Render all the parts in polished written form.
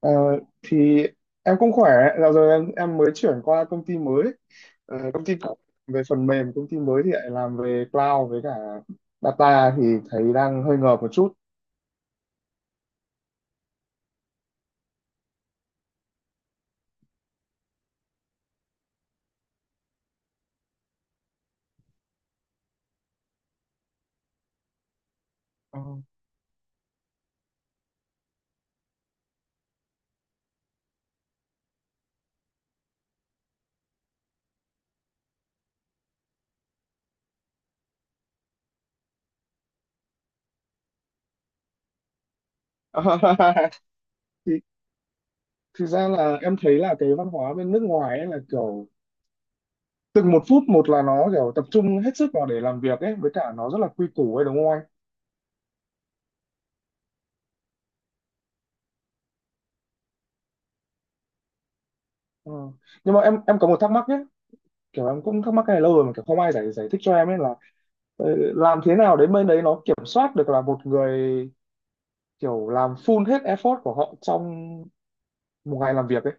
Ờ, thì em cũng khỏe. Dạo rồi em mới chuyển qua công ty mới. Công ty cũ về phần mềm, công ty mới thì lại làm về cloud với cả data, thì thấy đang hơi ngợp một chút. Ờ, thì thực ra là em thấy là cái văn hóa bên nước ngoài ấy là kiểu từng một phút một là nó kiểu tập trung hết sức vào để làm việc ấy, với cả nó rất là quy củ ấy, đúng không anh? Ừ, nhưng mà em có một thắc mắc nhé. Kiểu em cũng thắc mắc cái này lâu rồi mà kiểu không ai giải giải thích cho em ấy là ờ, làm thế nào đến bên đấy nó kiểm soát được là một người kiểu làm full hết effort của họ trong một ngày làm việc ấy.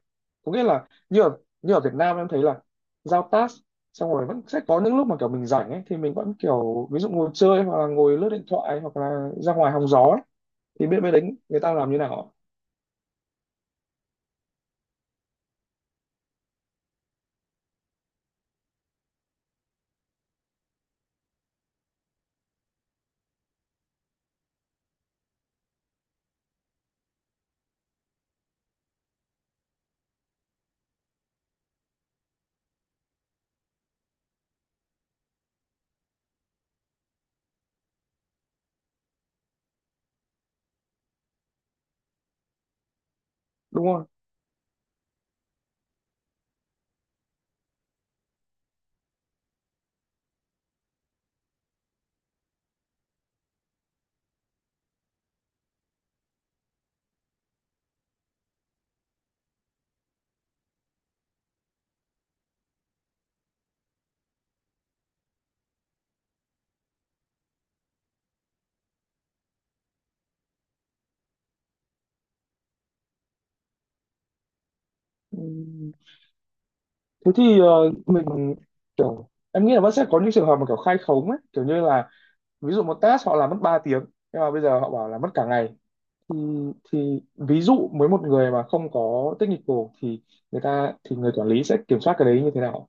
Có nghĩa là như ở Việt Nam em thấy là giao task xong rồi vẫn sẽ có những lúc mà kiểu mình rảnh ấy, thì mình vẫn kiểu ví dụ ngồi chơi hoặc là ngồi lướt điện thoại hoặc là ra ngoài hóng gió ấy. Thì biết bên đấy người ta làm như nào ạ? Đúng không. Ừm, thế thì mình kiểu em nghĩ là vẫn sẽ có những trường hợp mà kiểu khai khống ấy, kiểu như là ví dụ một task họ làm mất 3 tiếng nhưng mà bây giờ họ bảo là mất cả ngày. Thì thì ví dụ với một người mà không có technical thì người ta thì người quản lý sẽ kiểm soát cái đấy như thế nào?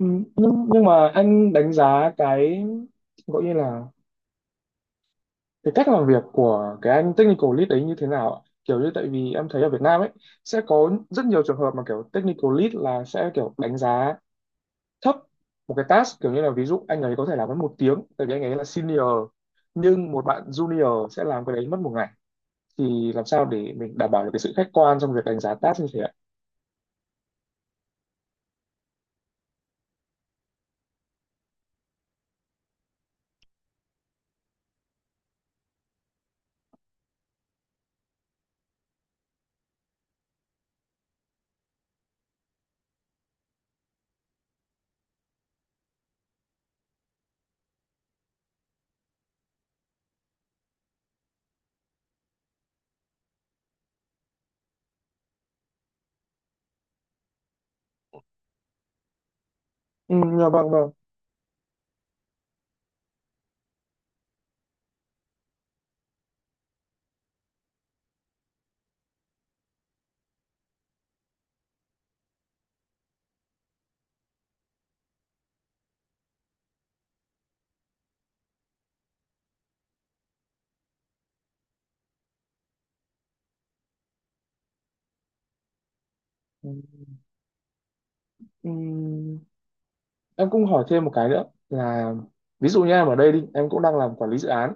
Ừ, nhưng mà anh đánh giá cái gọi như là cái cách làm việc của cái anh technical lead ấy như thế nào ạ? Kiểu như tại vì em thấy ở Việt Nam ấy sẽ có rất nhiều trường hợp mà kiểu technical lead là sẽ kiểu đánh giá thấp một cái task, kiểu như là ví dụ anh ấy có thể làm mất một tiếng tại vì anh ấy là senior, nhưng một bạn junior sẽ làm cái đấy mất một ngày. Thì làm sao để mình đảm bảo được cái sự khách quan trong việc đánh giá task như thế ạ? Ừ, dạ vâng vâng. Ừ, ừ, em cũng hỏi thêm một cái nữa, là ví dụ như em ở đây đi, em cũng đang làm quản lý dự án,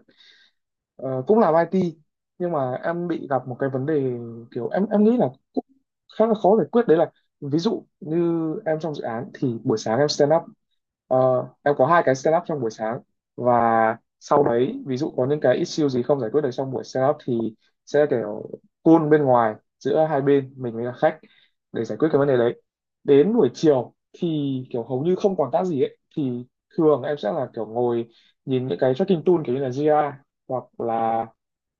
Cũng làm IT, nhưng mà em bị gặp một cái vấn đề kiểu em nghĩ là cũng khá là khó giải quyết, đấy là ví dụ như em trong dự án thì buổi sáng em stand up. Em có hai cái stand up trong buổi sáng, và sau đấy ví dụ có những cái issue gì không giải quyết được trong buổi stand up thì sẽ kiểu call bên ngoài giữa hai bên mình với cả khách để giải quyết cái vấn đề đấy. Đến buổi chiều thì kiểu hầu như không còn tác gì ấy, thì thường em sẽ là kiểu ngồi nhìn những cái tracking tool kiểu như là GR hoặc là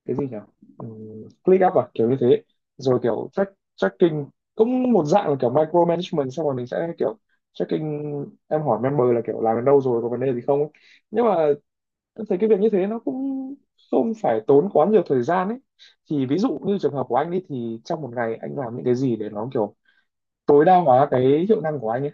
cái gì nhỉ, click up à, kiểu như thế. Rồi kiểu track, tracking cũng một dạng là kiểu micro management, xong rồi mình sẽ kiểu tracking, em hỏi member là kiểu làm đến đâu rồi, có vấn đề gì không ấy. Nhưng mà tôi thấy cái việc như thế nó cũng không phải tốn quá nhiều thời gian ấy. Thì ví dụ như trường hợp của anh đi, thì trong một ngày anh làm những cái gì để nó kiểu tối đa hóa cái hiệu năng của anh ấy?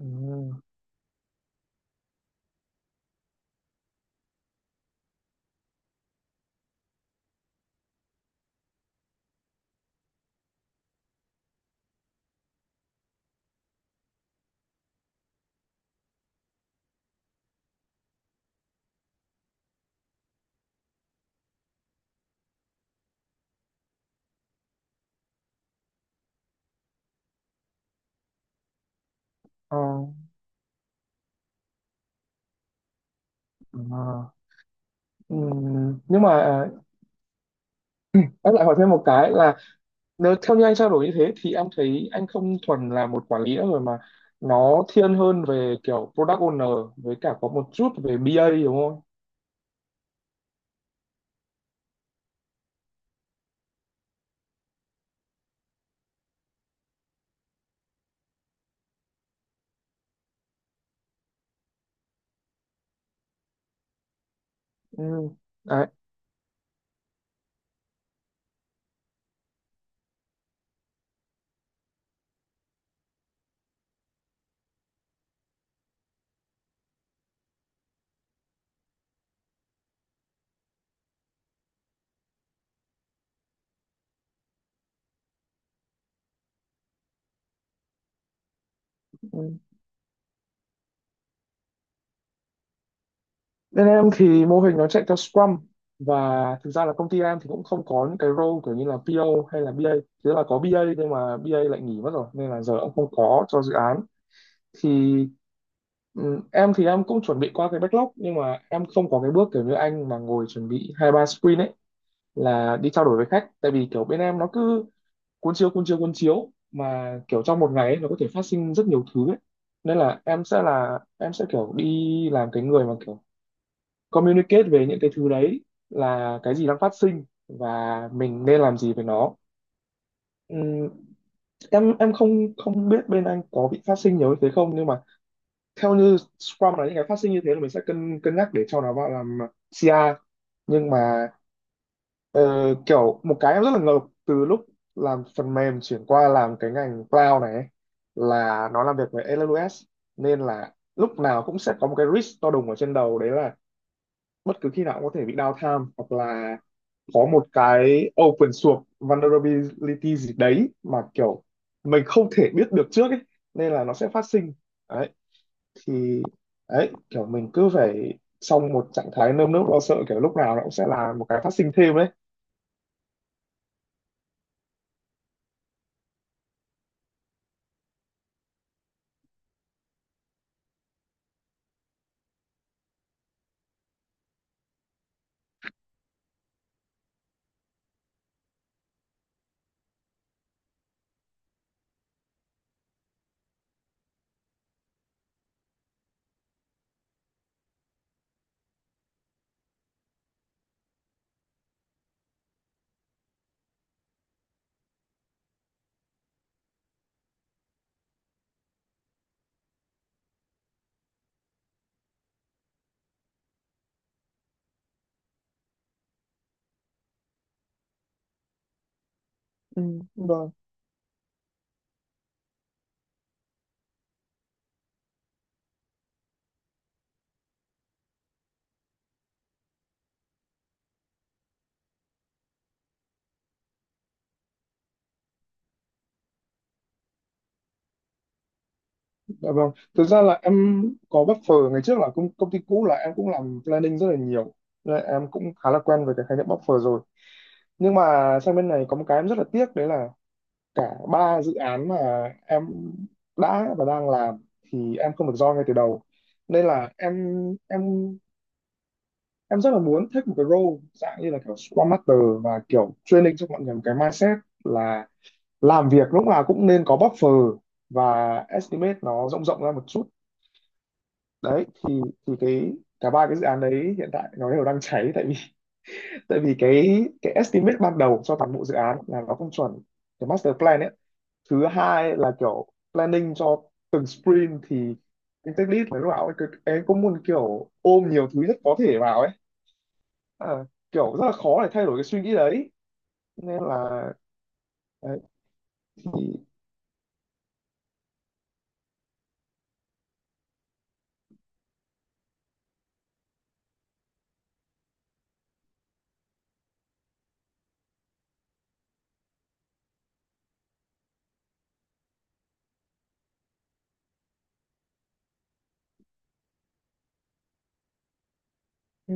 Ừm, ờ, ờ. Nhưng mà em lại hỏi thêm một cái là nếu theo như anh trao đổi như thế thì em thấy anh không thuần là một quản lý nữa rồi, mà nó thiên hơn về kiểu product owner với cả có một chút về BA, đúng không? Ừ. Đấy. Ừ. Bên em thì mô hình nó chạy theo Scrum, và thực ra là công ty em thì cũng không có những cái role kiểu như là PO hay là BA. Thế là có BA nhưng mà BA lại nghỉ mất rồi nên là giờ cũng không có cho dự án. Thì ừ, em thì em cũng chuẩn bị qua cái backlog nhưng mà em không có cái bước kiểu như anh mà ngồi chuẩn bị hai ba sprint ấy, là đi trao đổi với khách. Tại vì kiểu bên em nó cứ cuốn chiếu cuốn chiếu cuốn chiếu mà kiểu trong một ngày ấy, nó có thể phát sinh rất nhiều thứ ấy. Nên là em sẽ kiểu đi làm cái người mà kiểu communicate về những cái thứ đấy, là cái gì đang phát sinh và mình nên làm gì với nó. Ừm, em không không biết bên anh có bị phát sinh nhiều như thế không, nhưng mà theo như Scrum là những cái phát sinh như thế là mình sẽ cân cân nhắc để cho nó vào làm CI. Nhưng mà Ờ, kiểu một cái em rất là ngợp từ lúc làm phần mềm chuyển qua làm cái ngành cloud này ấy, là nó làm việc với AWS, nên là lúc nào cũng sẽ có một cái risk to đùng ở trên đầu, đấy là bất cứ khi nào cũng có thể bị downtime hoặc là có một cái open source vulnerability gì đấy mà kiểu mình không thể biết được trước ấy, nên là nó sẽ phát sinh đấy. Thì đấy, kiểu mình cứ phải trong một trạng thái nơm nớp lo sợ kiểu lúc nào nó cũng sẽ là một cái phát sinh thêm đấy. Ừ, đúng rồi. Dạ vâng. Thực ra là em có buffer. Ngày trước là công ty cũ là em cũng làm planning rất là nhiều. Nên là em cũng khá là quen với cái khái niệm buffer rồi. Nhưng mà sang bên này có một cái em rất là tiếc đấy là cả ba dự án mà em đã và đang làm thì em không được join ngay từ đầu. Nên là em em rất là muốn take một cái role dạng như là kiểu Scrum Master và kiểu training cho mọi người một cái mindset là làm việc lúc nào cũng nên có buffer và estimate nó rộng rộng ra một chút. Đấy thì cái cả ba cái dự án đấy hiện tại nó đều đang cháy, tại vì tại vì cái estimate ban đầu cho toàn bộ dự án là nó không chuẩn, cái master plan ấy. Thứ hai là kiểu planning cho từng sprint thì cái tech lead phải lúc nào ấy, cứ- em cũng muốn kiểu ôm nhiều thứ nhất có thể vào ấy. Ờ, kiểu rất là khó để thay đổi cái suy nghĩ đấy. Nên là đấy, thì ừ,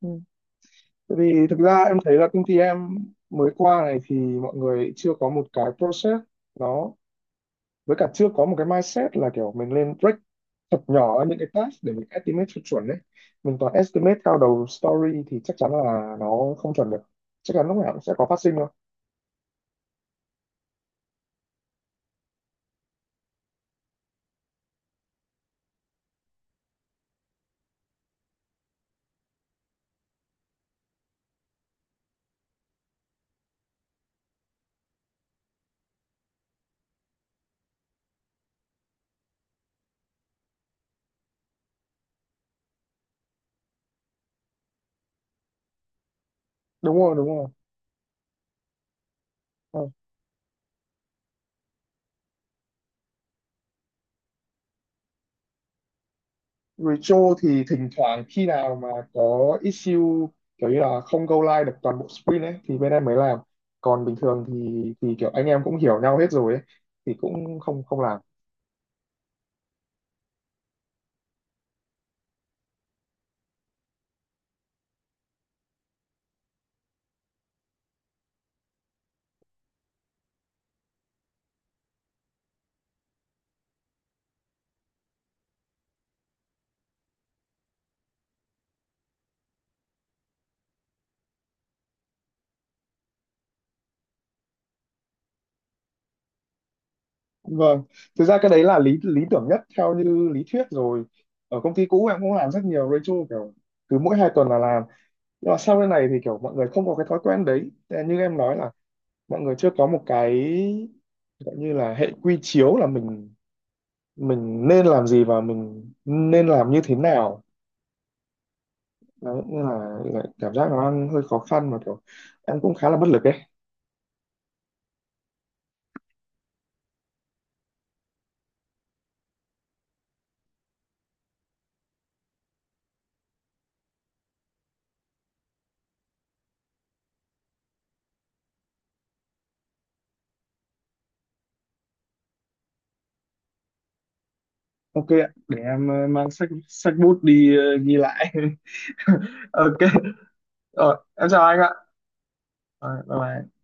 ừ. Tại vì thực ra em thấy là công ty em mới qua này thì mọi người chưa có một cái process nó, với cả chưa có một cái mindset là kiểu mình lên break thật nhỏ những cái task để mình estimate cho chuẩn đấy. Mình toàn estimate cao đầu story thì chắc chắn là nó không chuẩn được, chắc chắn lúc nào cũng sẽ có phát sinh thôi. Đúng rồi đúng rồi. Ờ. Retro thì thỉnh thoảng khi nào mà có issue kiểu như là không go live được toàn bộ sprint ấy thì bên em mới làm, còn bình thường thì kiểu anh em cũng hiểu nhau hết rồi ấy, thì cũng không không làm. Vâng, thực ra cái đấy là lý lý tưởng nhất theo như lý thuyết rồi. Ở công ty cũ em cũng làm rất nhiều Rachel kiểu cứ mỗi hai tuần là làm. Nhưng mà sau cái này thì kiểu mọi người không có cái thói quen đấy. Thế là như em nói là mọi người chưa có một cái gọi như là hệ quy chiếu là mình nên làm gì và mình nên làm như thế nào. Đấy, nên là lại cảm giác nó đang hơi khó khăn mà kiểu em cũng khá là bất lực ấy. Ok ạ, để em mang sách sách bút đi ghi lại. Ok, em chào anh ạ. Rồi, bye bye.